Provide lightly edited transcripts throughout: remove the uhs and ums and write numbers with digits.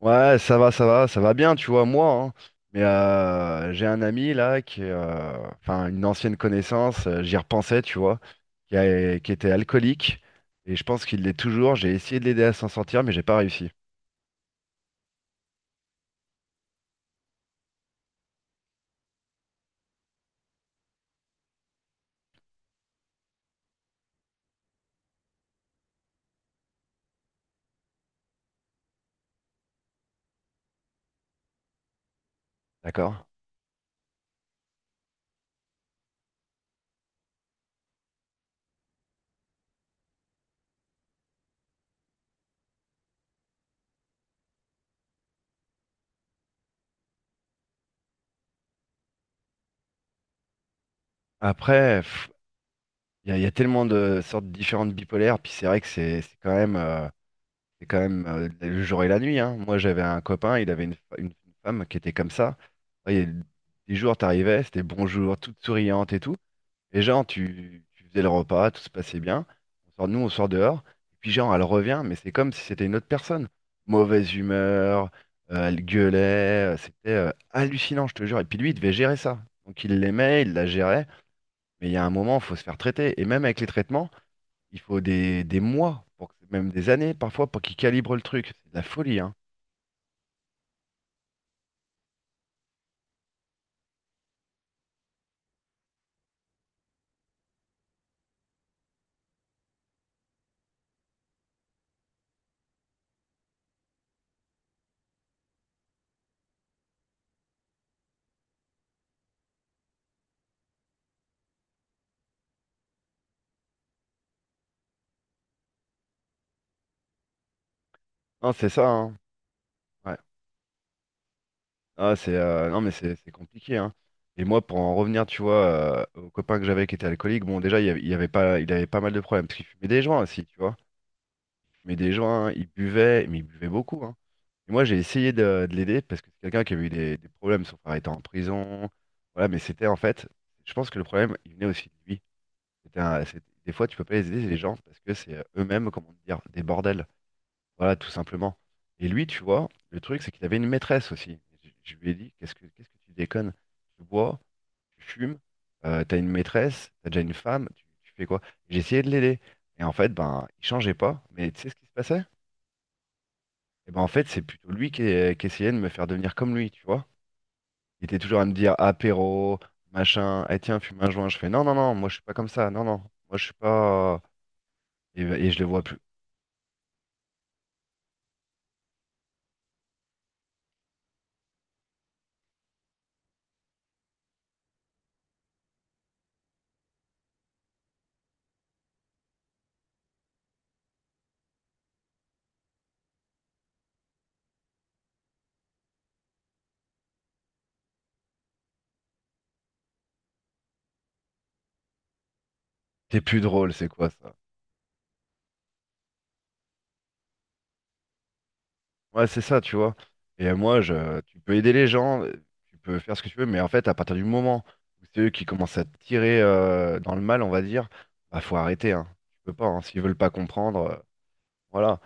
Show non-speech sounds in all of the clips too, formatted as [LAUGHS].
Ouais, ça va, ça va, ça va bien, tu vois, moi, hein. Mais j'ai un ami là qui est, une ancienne connaissance, j'y repensais, tu vois, qui était alcoolique et je pense qu'il l'est toujours. J'ai essayé de l'aider à s'en sortir, mais j'ai pas réussi. D'accord? Après, il y, a y a tellement de sortes différentes bipolaires, puis c'est vrai que c'est quand même, c'est quand même le jour et la nuit, hein. Moi, j'avais un copain, il avait une femme qui était comme ça. Et des jours, t'arrivais, c'était bonjour, toute souriante et tout. Et genre, tu faisais le repas, tout se passait bien. On sort, nous, on sort dehors. Et puis genre, elle revient, mais c'est comme si c'était une autre personne. Mauvaise humeur, elle gueulait, c'était hallucinant, je te jure. Et puis lui, il devait gérer ça. Donc il l'aimait, il la gérait. Mais il y a un moment, il faut se faire traiter. Et même avec les traitements, il faut des mois, pour que- même des années parfois, pour qu'il calibre le truc. C'est de la folie, hein. Non, c'est ça, hein. Ouais. Ah, c'est non mais c'est compliqué, hein. Et moi pour en revenir tu vois au copain que j'avais qui était alcoolique, bon déjà il avait pas mal de problèmes parce qu'il fumait des joints aussi, tu vois. Il fumait des joints, il buvait, mais il buvait beaucoup, hein. Et moi j'ai essayé de l'aider parce que c'est quelqu'un qui avait eu des problèmes, son frère était en prison, voilà, mais c'était en fait, je pense que le problème il venait aussi de lui. Des fois tu peux pas les aider les gens parce que c'est eux-mêmes comment dire des bordels. Voilà, tout simplement. Et lui, tu vois, le truc, c'est qu'il avait une maîtresse aussi. Je lui ai dit, qu'est-ce que tu déconnes? Tu bois, tu fumes, t'as une maîtresse, t'as déjà une femme, tu fais quoi? J'ai essayé de l'aider. Et en fait, ben, il changeait pas. Mais tu sais ce qui se passait? Et ben, en fait, c'est plutôt qui essayait de me faire devenir comme lui, tu vois. Il était toujours à me dire apéro, machin, eh tiens, fume un joint. Je fais non, non, non, moi je suis pas comme ça, non, non, moi je suis pas. Et je le vois plus. T'es plus drôle, c'est quoi ça? Ouais, c'est ça, tu vois. Et tu peux aider les gens, tu peux faire ce que tu veux, mais en fait, à partir du moment où c'est eux qui commencent à te tirer dans le mal, on va dire, bah faut arrêter, hein. Tu peux pas, hein. S'ils veulent pas comprendre, voilà.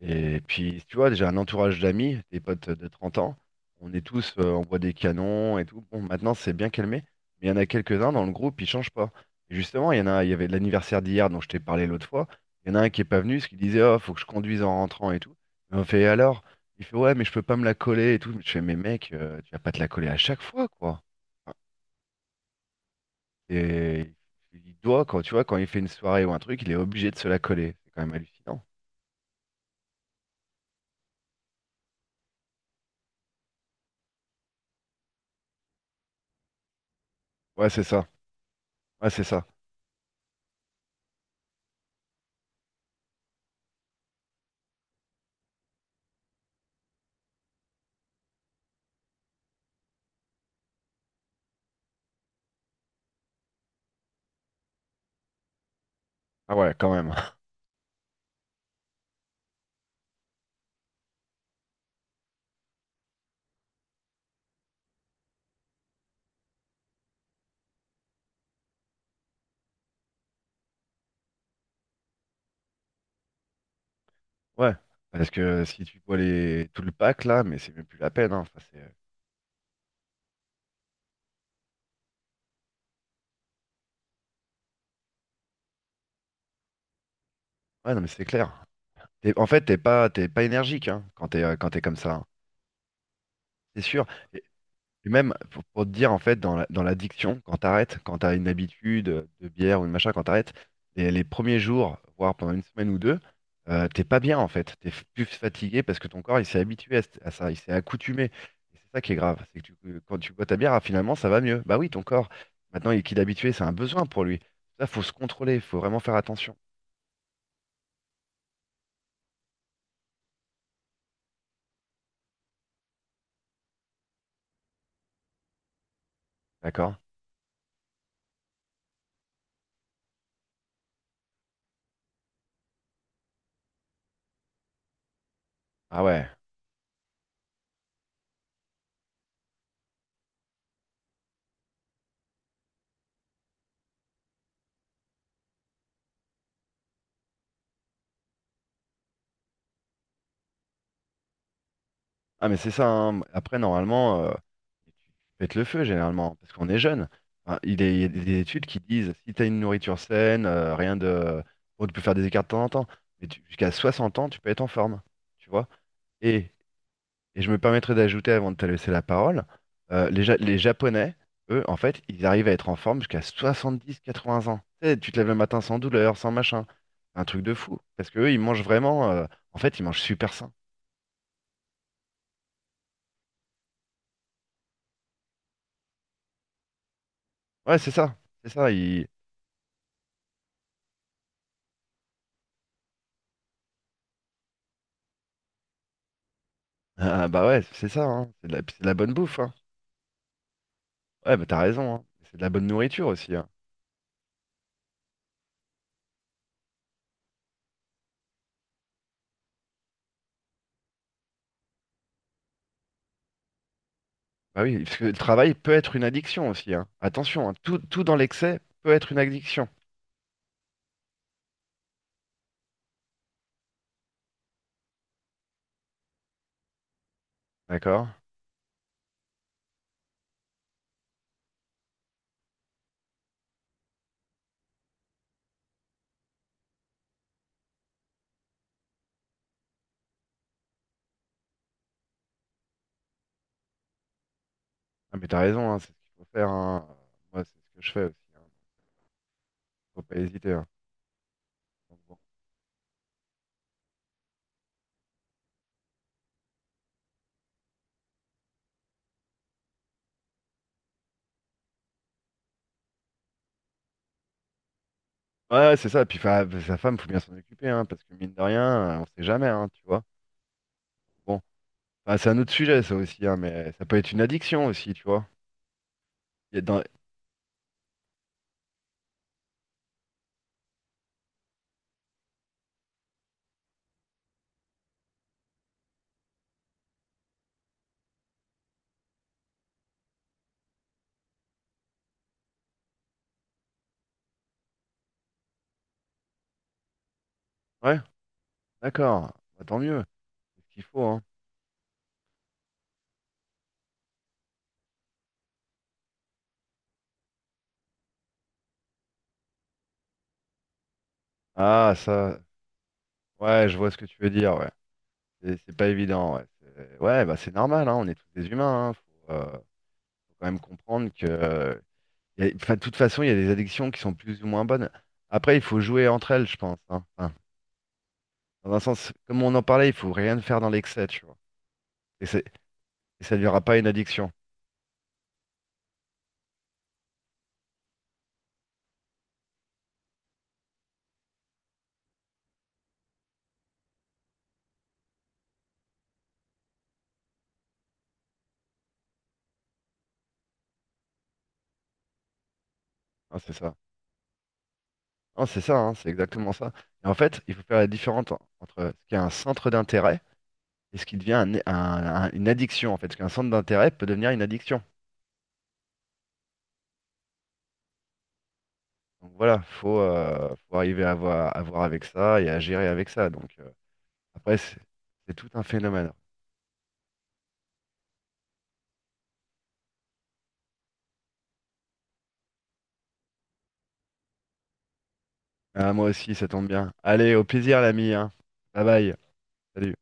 Et puis, tu vois, j'ai un entourage d'amis, des potes de 30 ans. On est tous, on boit des canons et tout. Bon, maintenant, c'est bien calmé. Mais il y en a quelques-uns dans le groupe, ils changent pas. Et justement, il y en a, il y avait l'anniversaire d'hier dont je t'ai parlé l'autre fois. Il y en a un qui est pas venu, parce qu'il disait, oh, faut que je conduise en rentrant et tout. Et on fait, et alors? Il fait, ouais, mais je peux pas me la coller et tout. Je fais, mais mec, tu vas pas te la coller à chaque fois, quoi. Enfin, Et il doit, quand tu vois, quand il fait une soirée ou un truc, il est obligé de se la coller. C'est quand même hallucinant. Ouais, c'est ça. Ouais, c'est ça. Ah ouais, quand même. [LAUGHS] Ouais. Parce que si tu vois les tout le pack là, mais c'est même plus la peine, hein. Enfin, c'est- ouais, non, mais c'est clair. T'es- En fait, t'es pas énergique, hein, quand t'es comme ça, hein. C'est sûr. Puis même, pour te dire, en fait, dans l'addiction, quand t'arrêtes, quand t'as une habitude de bière ou de machin, quand t'arrêtes, les premiers jours, voire pendant une semaine ou deux, t'es pas bien, en fait. T'es f- plus fatigué parce que ton corps, il s'est habitué à ça, il s'est accoutumé. Et c'est ça qui est grave, c'est que tu- que quand tu bois ta bière, ah, finalement, ça va mieux. Bah oui, ton corps, maintenant, il est habitué, c'est un besoin pour lui. Ça, faut se contrôler, faut vraiment faire attention. D'accord? Ah ouais. Ah mais c'est ça, hein. Après normalement, pète le feu généralement, parce qu'on est jeune. Enfin, il est- il y a des études qui disent si tu as une nourriture saine, rien de. Bon, tu peux faire des écarts de temps en temps, mais tu- jusqu'à 60 ans, tu peux être en forme, tu vois. Et, et je me permettrai d'ajouter avant de te laisser la parole, les Japonais, eux, en fait, ils arrivent à être en forme jusqu'à 70-80 ans. Tu sais, tu te lèves le matin sans douleur, sans machin. Un truc de fou. Parce que eux, ils mangent vraiment, en fait, ils mangent super sain. Ouais, c'est ça. C'est ça. Ah bah ouais, c'est ça, hein. C'est de la bonne bouffe, hein. Ouais, bah t'as raison, hein. C'est de la bonne nourriture aussi, hein. Bah oui, parce que le travail peut être une addiction aussi, hein. Attention, hein, tout, tout dans l'excès peut être une addiction, d'accord? Ah mais t'as raison, hein, c'est ce qu'il faut faire, hein. Moi, c'est ce que je fais aussi, hein. Faut pas hésiter, hein. Donc bon. Ouais, ouais, c'est ça. Puis fa- sa femme, faut bien s'en occuper, hein, parce que mine de rien, on sait jamais, hein, tu vois. Bon, enfin, c'est un autre sujet, ça aussi, hein, mais ça peut être une addiction aussi, tu vois. Il y a dans- ouais, d'accord. Bah, tant mieux, c'est ce qu'il faut, hein. Ah, ça. Ouais, je vois ce que tu veux dire, ouais. C'est pas évident, ouais. C'est- Ouais, bah c'est normal, hein, on est tous des humains, hein. Faut, faut quand même comprendre que, y a- enfin, de toute façon, il y a des addictions qui sont plus ou moins bonnes. Après, il faut jouer entre elles, je pense, hein. Enfin, dans un sens, comme on en parlait, il faut rien faire dans l'excès, tu vois. Et, c'est- et ça ne durera pas une addiction. Hein, c'est ça. Non, c'est ça, hein, c'est exactement ça. Et en fait, il faut faire la différence en- entre ce qui est un centre d'intérêt et ce qui devient un- une addiction, en fait. Ce qu'un centre d'intérêt peut devenir une addiction. Donc voilà, faut, faut arriver à voir avec ça et à gérer avec ça. Donc après, c'est tout un phénomène. Ah, moi aussi, ça tombe bien. Allez, au plaisir, l'ami, hein. Bye bye. Salut.